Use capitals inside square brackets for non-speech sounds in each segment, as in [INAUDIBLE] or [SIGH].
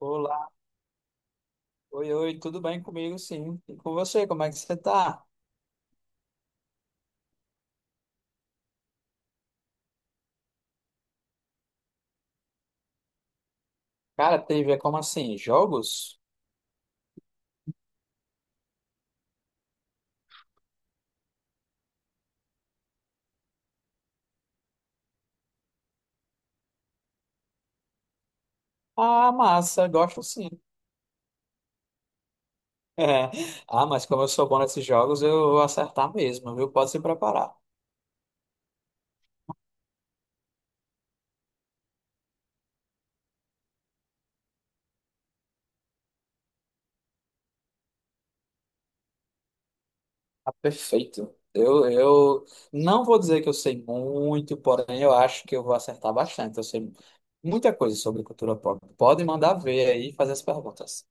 Olá, oi, oi, tudo bem comigo, sim. E com você, como é que você tá? Cara, trivia, como assim? Jogos? Ah, massa, gosto sim. [LAUGHS] É. Ah, mas como eu sou bom nesses jogos, eu vou acertar mesmo, viu? Pode se preparar. Ah, perfeito. Eu não vou dizer que eu sei muito, porém eu acho que eu vou acertar bastante. Eu sei muita coisa sobre cultura pop. Pode mandar ver aí e fazer as perguntas.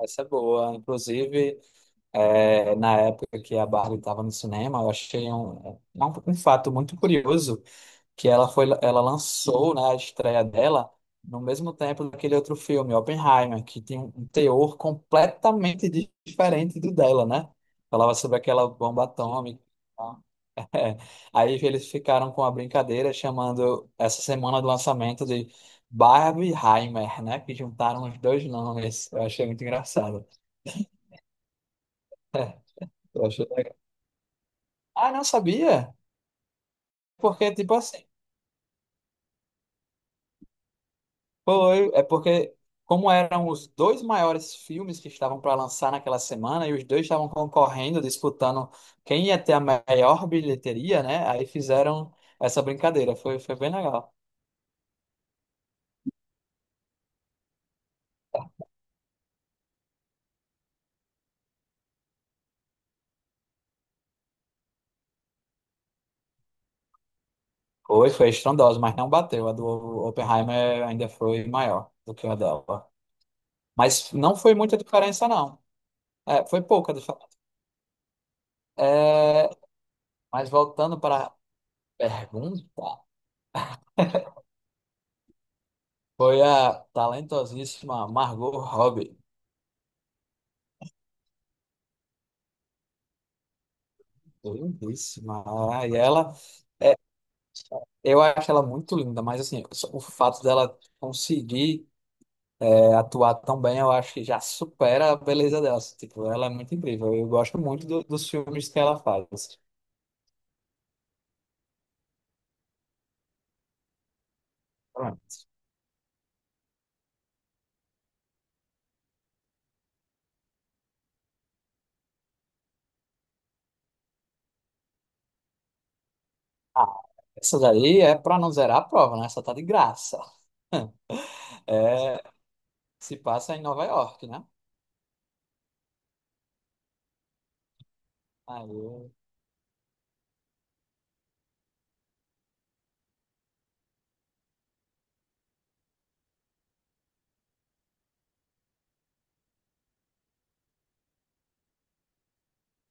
Essa é boa. Inclusive, na época que a Barbie estava no cinema, eu achei um fato muito curioso que ela foi, ela lançou, né, a estreia dela no mesmo tempo daquele outro filme, Oppenheimer, que tem um teor completamente diferente do dela, né? Falava sobre aquela bomba atômica. [LAUGHS] É. Aí eles ficaram com a brincadeira chamando essa semana do lançamento de Barbieheimer, né? Que juntaram os dois nomes. Eu achei muito engraçado. Eu achei legal. Ah, não sabia? Porque, tipo assim, foi, é porque, como eram os dois maiores filmes que estavam para lançar naquela semana, e os dois estavam concorrendo, disputando quem ia ter a maior bilheteria, né? Aí fizeram essa brincadeira. Foi bem legal. Foi estrondosa, mas não bateu. A do Oppenheimer ainda foi maior do que a dela. Mas não foi muita diferença, não. É, foi pouca diferença. É, mas voltando para a pergunta, foi a talentosíssima Margot Robbie. Lindíssima. Ah, e ela, é, eu acho ela muito linda, mas assim, só o fato dela conseguir atuar tão bem, eu acho que já supera a beleza dela. Assim, tipo, ela é muito incrível. Eu gosto muito dos filmes que ela faz. Pronto. Ah, essa daí é pra não zerar a prova, né? Essa tá de graça. [LAUGHS] É, se passa em Nova York, né? Aí,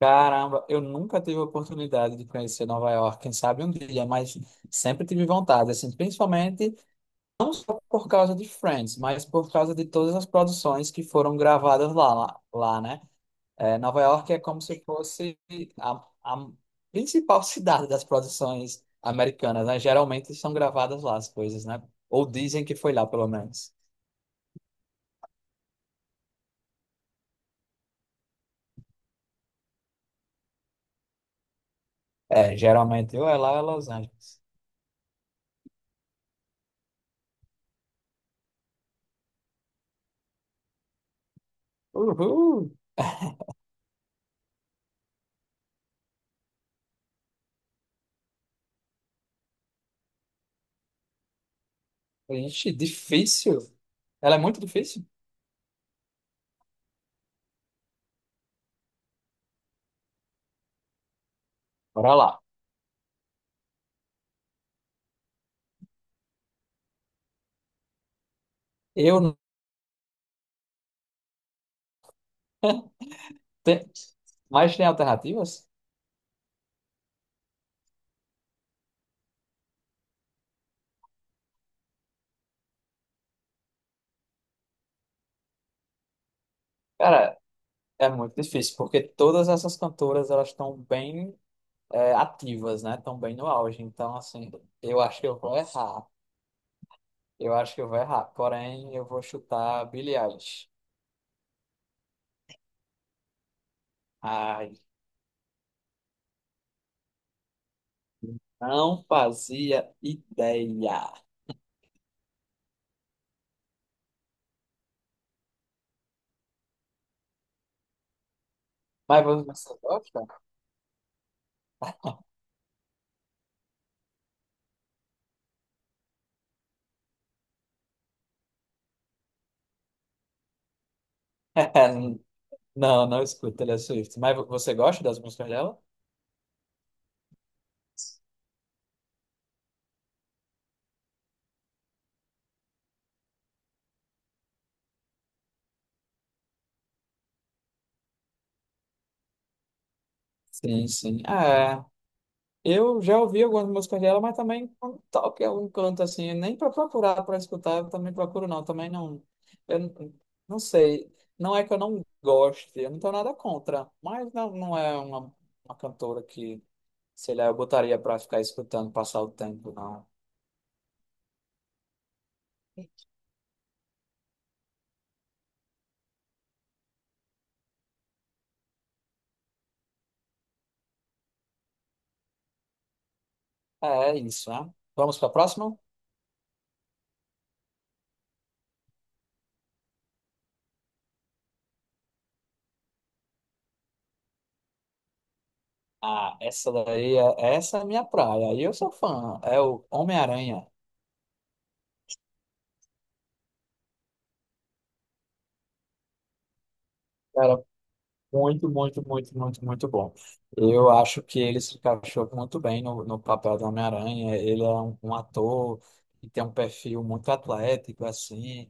caramba, eu nunca tive a oportunidade de conhecer Nova York, quem sabe um dia, mas sempre tive vontade, assim, principalmente por causa de Friends, mas por causa de todas as produções que foram gravadas lá, né? É, Nova York é como se fosse a principal [LAUGHS] cidade das produções americanas, né? Geralmente são gravadas lá as coisas, né? Ou dizem que foi lá, pelo menos. É, geralmente ou é lá ou é Los Angeles. Uhul! Ixi, difícil. Ela é muito difícil? Bora lá. Eu não tenho... Mas tem alternativas? Cara, é muito difícil, porque todas essas cantoras, elas estão bem ativas, né? Estão bem no auge. Então, assim, eu acho que eu vou errar. Eu acho que eu vou errar. Porém, eu vou chutar Billie Eilish. Ai, não fazia ideia. Mas você gosta? [LAUGHS] Não, não escuto Taylor Swift. Mas você gosta das músicas dela? Sim, sim. É. Eu já ouvi algumas músicas dela, mas também quando toca em algum canto assim, nem para procurar, para escutar, eu também procuro não, também não. Eu não Não sei, não é que eu não goste, eu não tenho nada contra, mas não, não é uma cantora que, sei lá, eu botaria para ficar escutando, passar o tempo, não. É, é isso, né? Vamos para a próxima? Ah, essa daí, essa é a minha praia, e eu sou fã, é o Homem-Aranha. Muito, muito, muito, muito, muito bom. Eu acho que ele se encaixou muito bem no papel do Homem-Aranha. Ele é um ator que tem um perfil muito atlético, assim.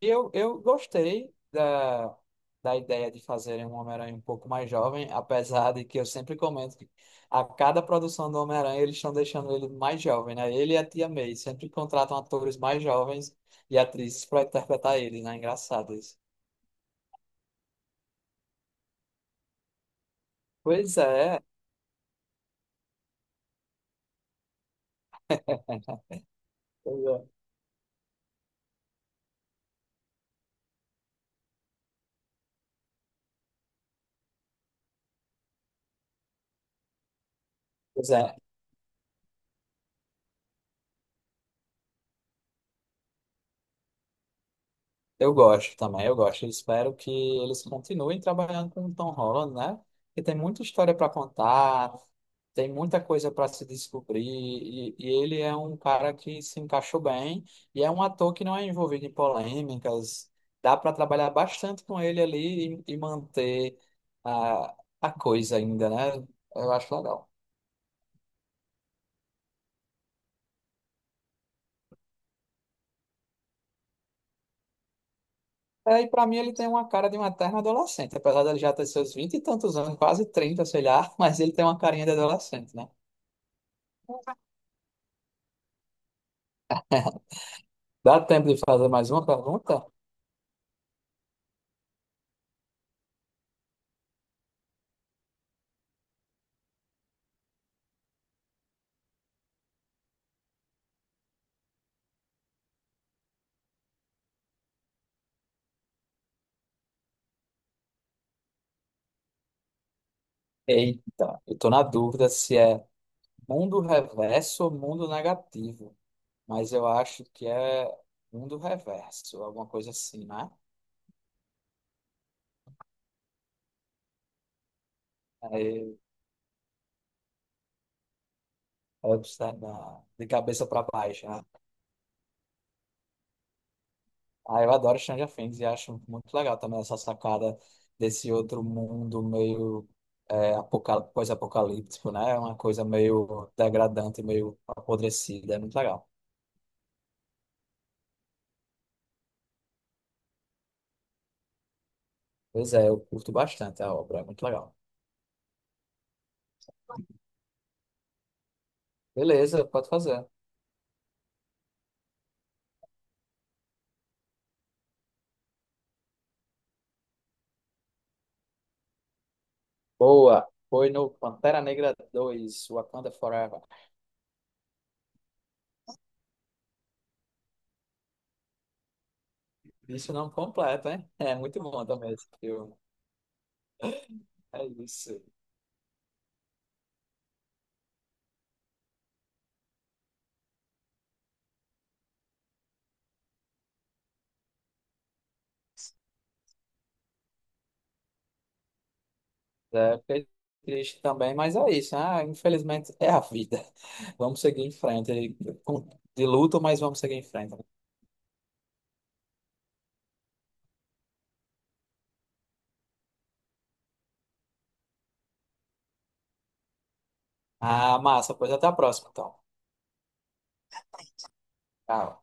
E eu gostei da ideia de fazerem um Homem-Aranha um pouco mais jovem, apesar de que eu sempre comento que a cada produção do Homem-Aranha eles estão deixando ele mais jovem, né? Ele e a Tia May sempre contratam atores mais jovens e atrizes para interpretar ele, né? Engraçado isso. Pois é. Pois é. Pois é, eu gosto também, eu gosto. Eu espero que eles continuem trabalhando com o Tom Holland, né? Porque tem muita história para contar, tem muita coisa para se descobrir, e, ele é um cara que se encaixou bem, e é um ator que não é envolvido em polêmicas. Dá para trabalhar bastante com ele ali e manter a coisa ainda, né? Eu acho legal. É, e para mim ele tem uma cara de um eterno adolescente, apesar dele já ter seus vinte e tantos anos, quase 30, sei lá, [LAUGHS] mas ele tem uma carinha de adolescente, né? Dá tempo de fazer mais uma pergunta? Eita, eu tô na dúvida se é mundo reverso ou mundo negativo, mas eu acho que é mundo reverso, alguma coisa assim, né? Aí eu estar na- De cabeça para baixo, né? Aí eu adoro Stranger Things e acho muito legal também essa sacada desse outro mundo meio pós-apocalíptico, né? É uma coisa meio degradante, meio apodrecida, é muito legal. Pois é, eu curto bastante a obra, é muito legal. Beleza, pode fazer. Boa. Foi no Pantera Negra 2 Wakanda Forever. Isso não completo, hein? É muito bom também esse filme. É isso. É, fiquei triste também, mas é isso, né? Ah, infelizmente é a vida. [LAUGHS] Vamos seguir em frente. Com De luto, mas vamos seguir em frente. Ah, massa. Pois até a próxima, então. Tchau.